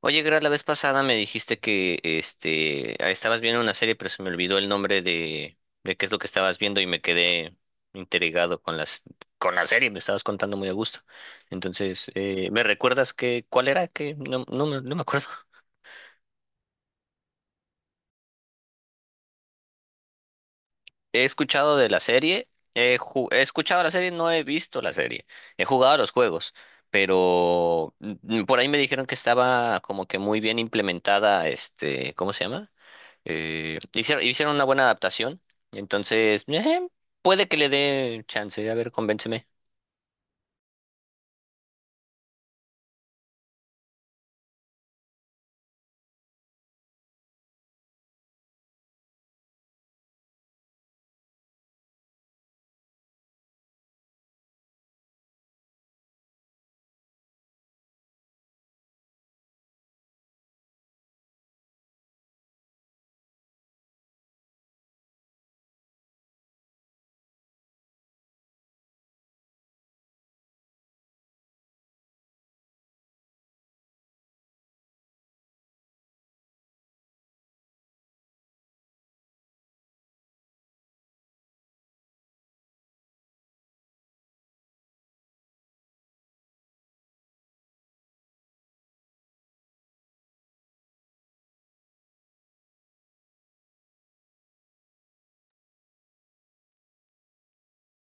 Oye, Gra, la vez pasada me dijiste que estabas viendo una serie, pero se me olvidó el nombre de qué es lo que estabas viendo y me quedé intrigado con las con la serie, me estabas contando muy a gusto. Entonces, ¿me recuerdas que cuál era? Que no, no, me no me acuerdo. He escuchado de la serie, he escuchado la serie, no he visto la serie. He jugado a los juegos, pero por ahí me dijeron que estaba como que muy bien implementada, este, ¿cómo se llama? Hicieron una buena adaptación. Entonces, puede que le dé chance. A ver, convénceme.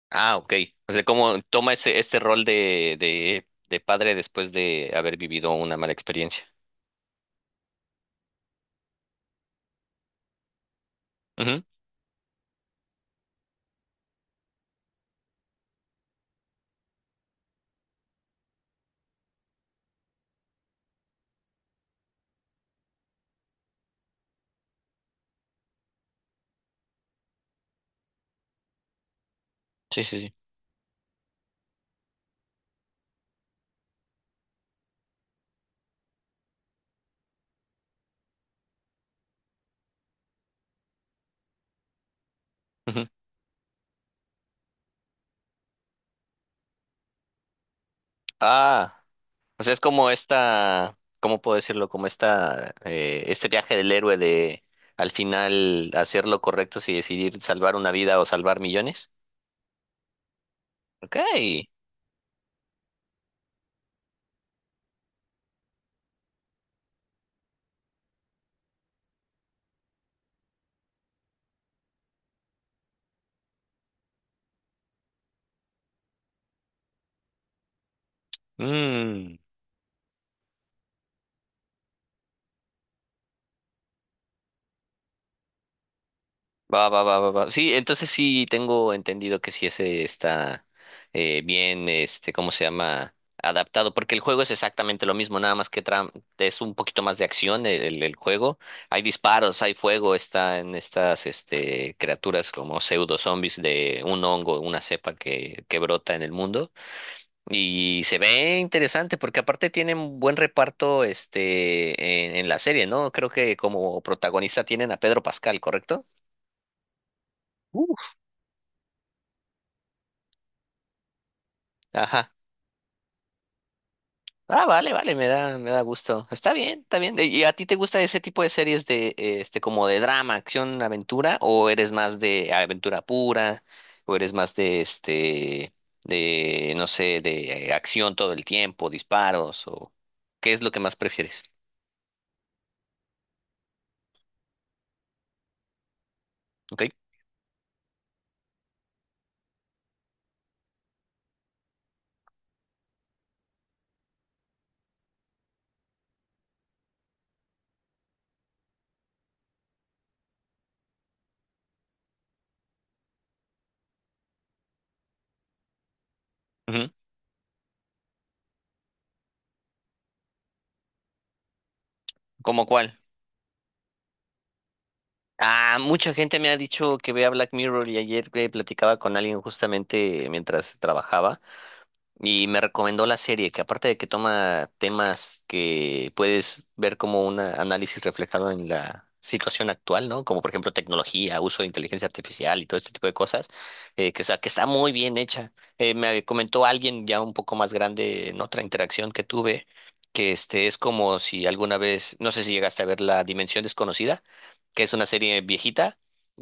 Ah, ok. O sea, cómo toma este rol de, de padre después de haber vivido una mala experiencia. Ujú. Sí, sí, sí. Ujú. Ah, o sea, es como esta, ¿cómo puedo decirlo? Como esta, este viaje del héroe de al final hacer lo correcto si decidir salvar una vida o salvar millones. Ok. Mm. Va, va, va, va, va. Sí, entonces sí tengo entendido que sí ese está bien, este, ¿cómo se llama? Adaptado, porque el juego es exactamente lo mismo, nada más que es un poquito más de acción el juego. Hay disparos, hay fuego, están estas este, criaturas como pseudo zombies de un hongo, una cepa que brota en el mundo. Y se ve interesante porque aparte tienen buen reparto este, en la serie, ¿no? Creo que como protagonista tienen a Pedro Pascal, ¿correcto? Ajá. Ah, vale, vale, me da gusto. Está bien, está bien. ¿Y a ti te gusta ese tipo de series de, este, como de drama, acción, aventura, o eres más de aventura pura, o eres más de, este, de, no sé, de acción todo el tiempo, disparos, o qué es lo que más prefieres? ¿Ok? Ujú. ¿Cómo cuál? Ah, mucha gente me ha dicho que vea Black Mirror y ayer platicaba con alguien justamente mientras trabajaba. Y me recomendó la serie, que aparte de que toma temas que puedes ver como un análisis reflejado en la situación actual, ¿no? Como por ejemplo tecnología, uso de inteligencia artificial y todo este tipo de cosas, o sea, que está muy bien hecha. Me comentó alguien ya un poco más grande en otra interacción que tuve, que este es como si alguna vez, no sé si llegaste a ver La Dimensión Desconocida, que es una serie viejita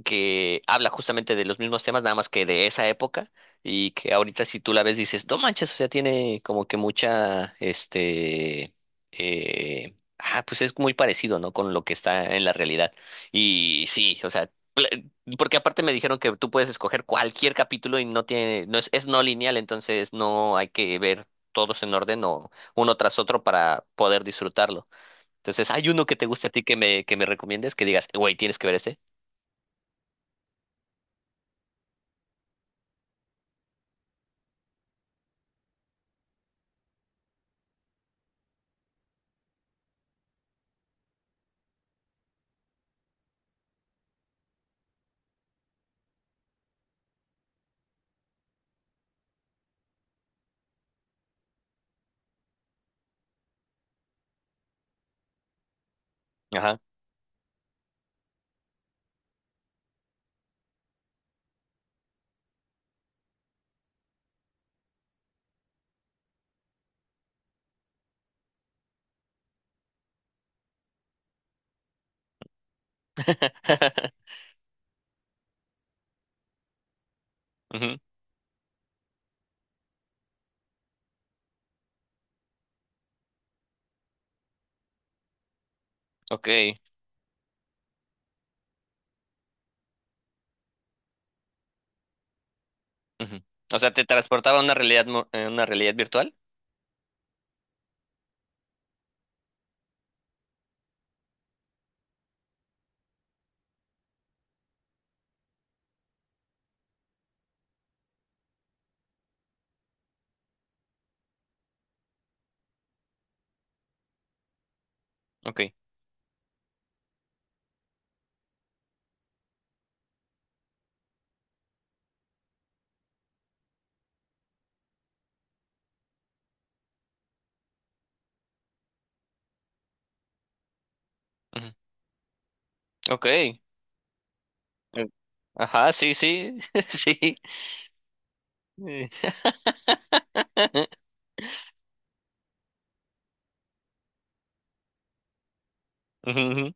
que habla justamente de los mismos temas, nada más que de esa época y que ahorita si tú la ves dices, no manches, o sea, tiene como que mucha, este, pues es muy parecido, ¿no? Con lo que está en la realidad. Y sí, o sea, pl- porque aparte me dijeron que tú puedes escoger cualquier capítulo y no tiene, es no lineal, entonces no hay que ver todos en orden o uno tras otro para poder disfrutarlo. Entonces, ¿hay uno que te guste a ti que que me recomiendes? Que digas, güey, tienes que ver ese. Ajá. Ujú. Ok. Ujú. O sea, te transportaba a una realidad, una realidad virtual. Ok. Ujú. Ok. Ajá, sí, sí, sí. Eh, ujú, ujú.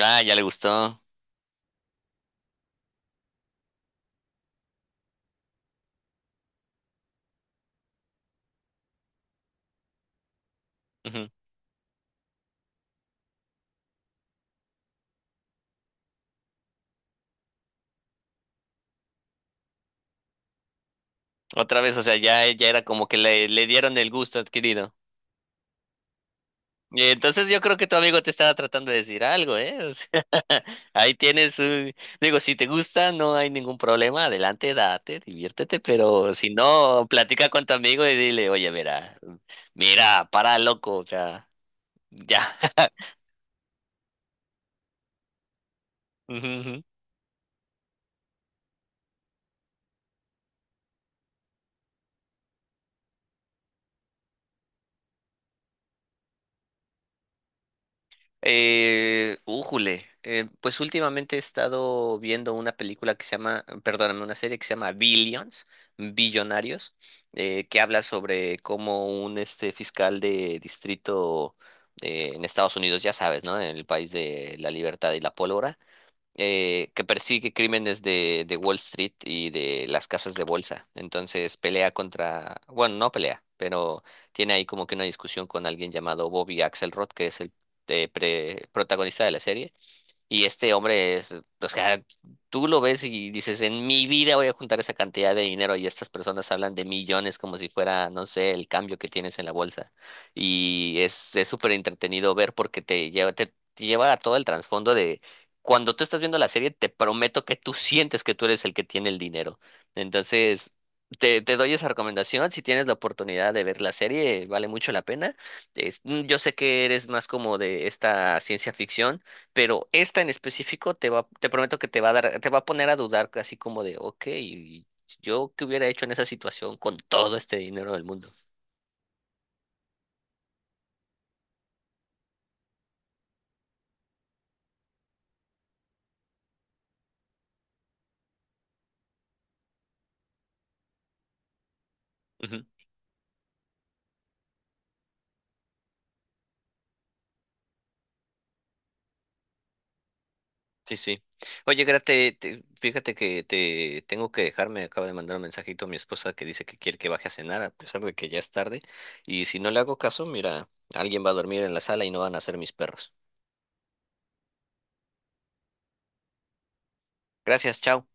Ah, ya le gustó. Ujú. Otra vez, o sea, ya, ya era como que le dieron el gusto adquirido. Y entonces yo creo que tu amigo te estaba tratando de decir algo, ¿eh? O sea, ahí tienes un... Digo, si te gusta, no hay ningún problema, adelante, date, diviértete, pero si no, platica con tu amigo y dile, oye, mira, mira, para loco, o sea, ya. Ujú, ujú. Újule, pues últimamente he estado viendo una película que se llama, perdóname, una serie que se llama Billions, Billonarios, que habla sobre cómo un este fiscal de distrito en Estados Unidos, ya sabes, ¿no? En el país de la libertad y la pólvora, que persigue crímenes de Wall Street y de las casas de bolsa. Entonces pelea contra, bueno, no pelea, pero tiene ahí como que una discusión con alguien llamado Bobby Axelrod, que es el protagonista de la serie y este hombre es, o sea, tú lo ves y dices, en mi vida voy a juntar esa cantidad de dinero y estas personas hablan de millones como si fuera, no sé, el cambio que tienes en la bolsa. Y es súper entretenido ver porque te lleva, te lleva a todo el trasfondo de cuando tú estás viendo la serie, te prometo que tú sientes que tú eres el que tiene el dinero. Entonces, te doy esa recomendación. Si tienes la oportunidad de ver la serie, vale mucho la pena. Es- mm, yo sé que eres más como de esta ciencia ficción pero esta en específico te prometo que te va a dar, te va a poner a dudar, así como de, ok, yo qué hubiera hecho en esa situación con todo este dinero del mundo. Ujú, sí, sí. Oye, Grate, fíjate que te tengo que dejar, me acaba de mandar un mensajito a mi esposa que dice que quiere que baje a cenar, a pesar de que ya es tarde, y si no le hago caso, mira, alguien va a dormir en la sala y no van a ser mis perros. Gracias, chao.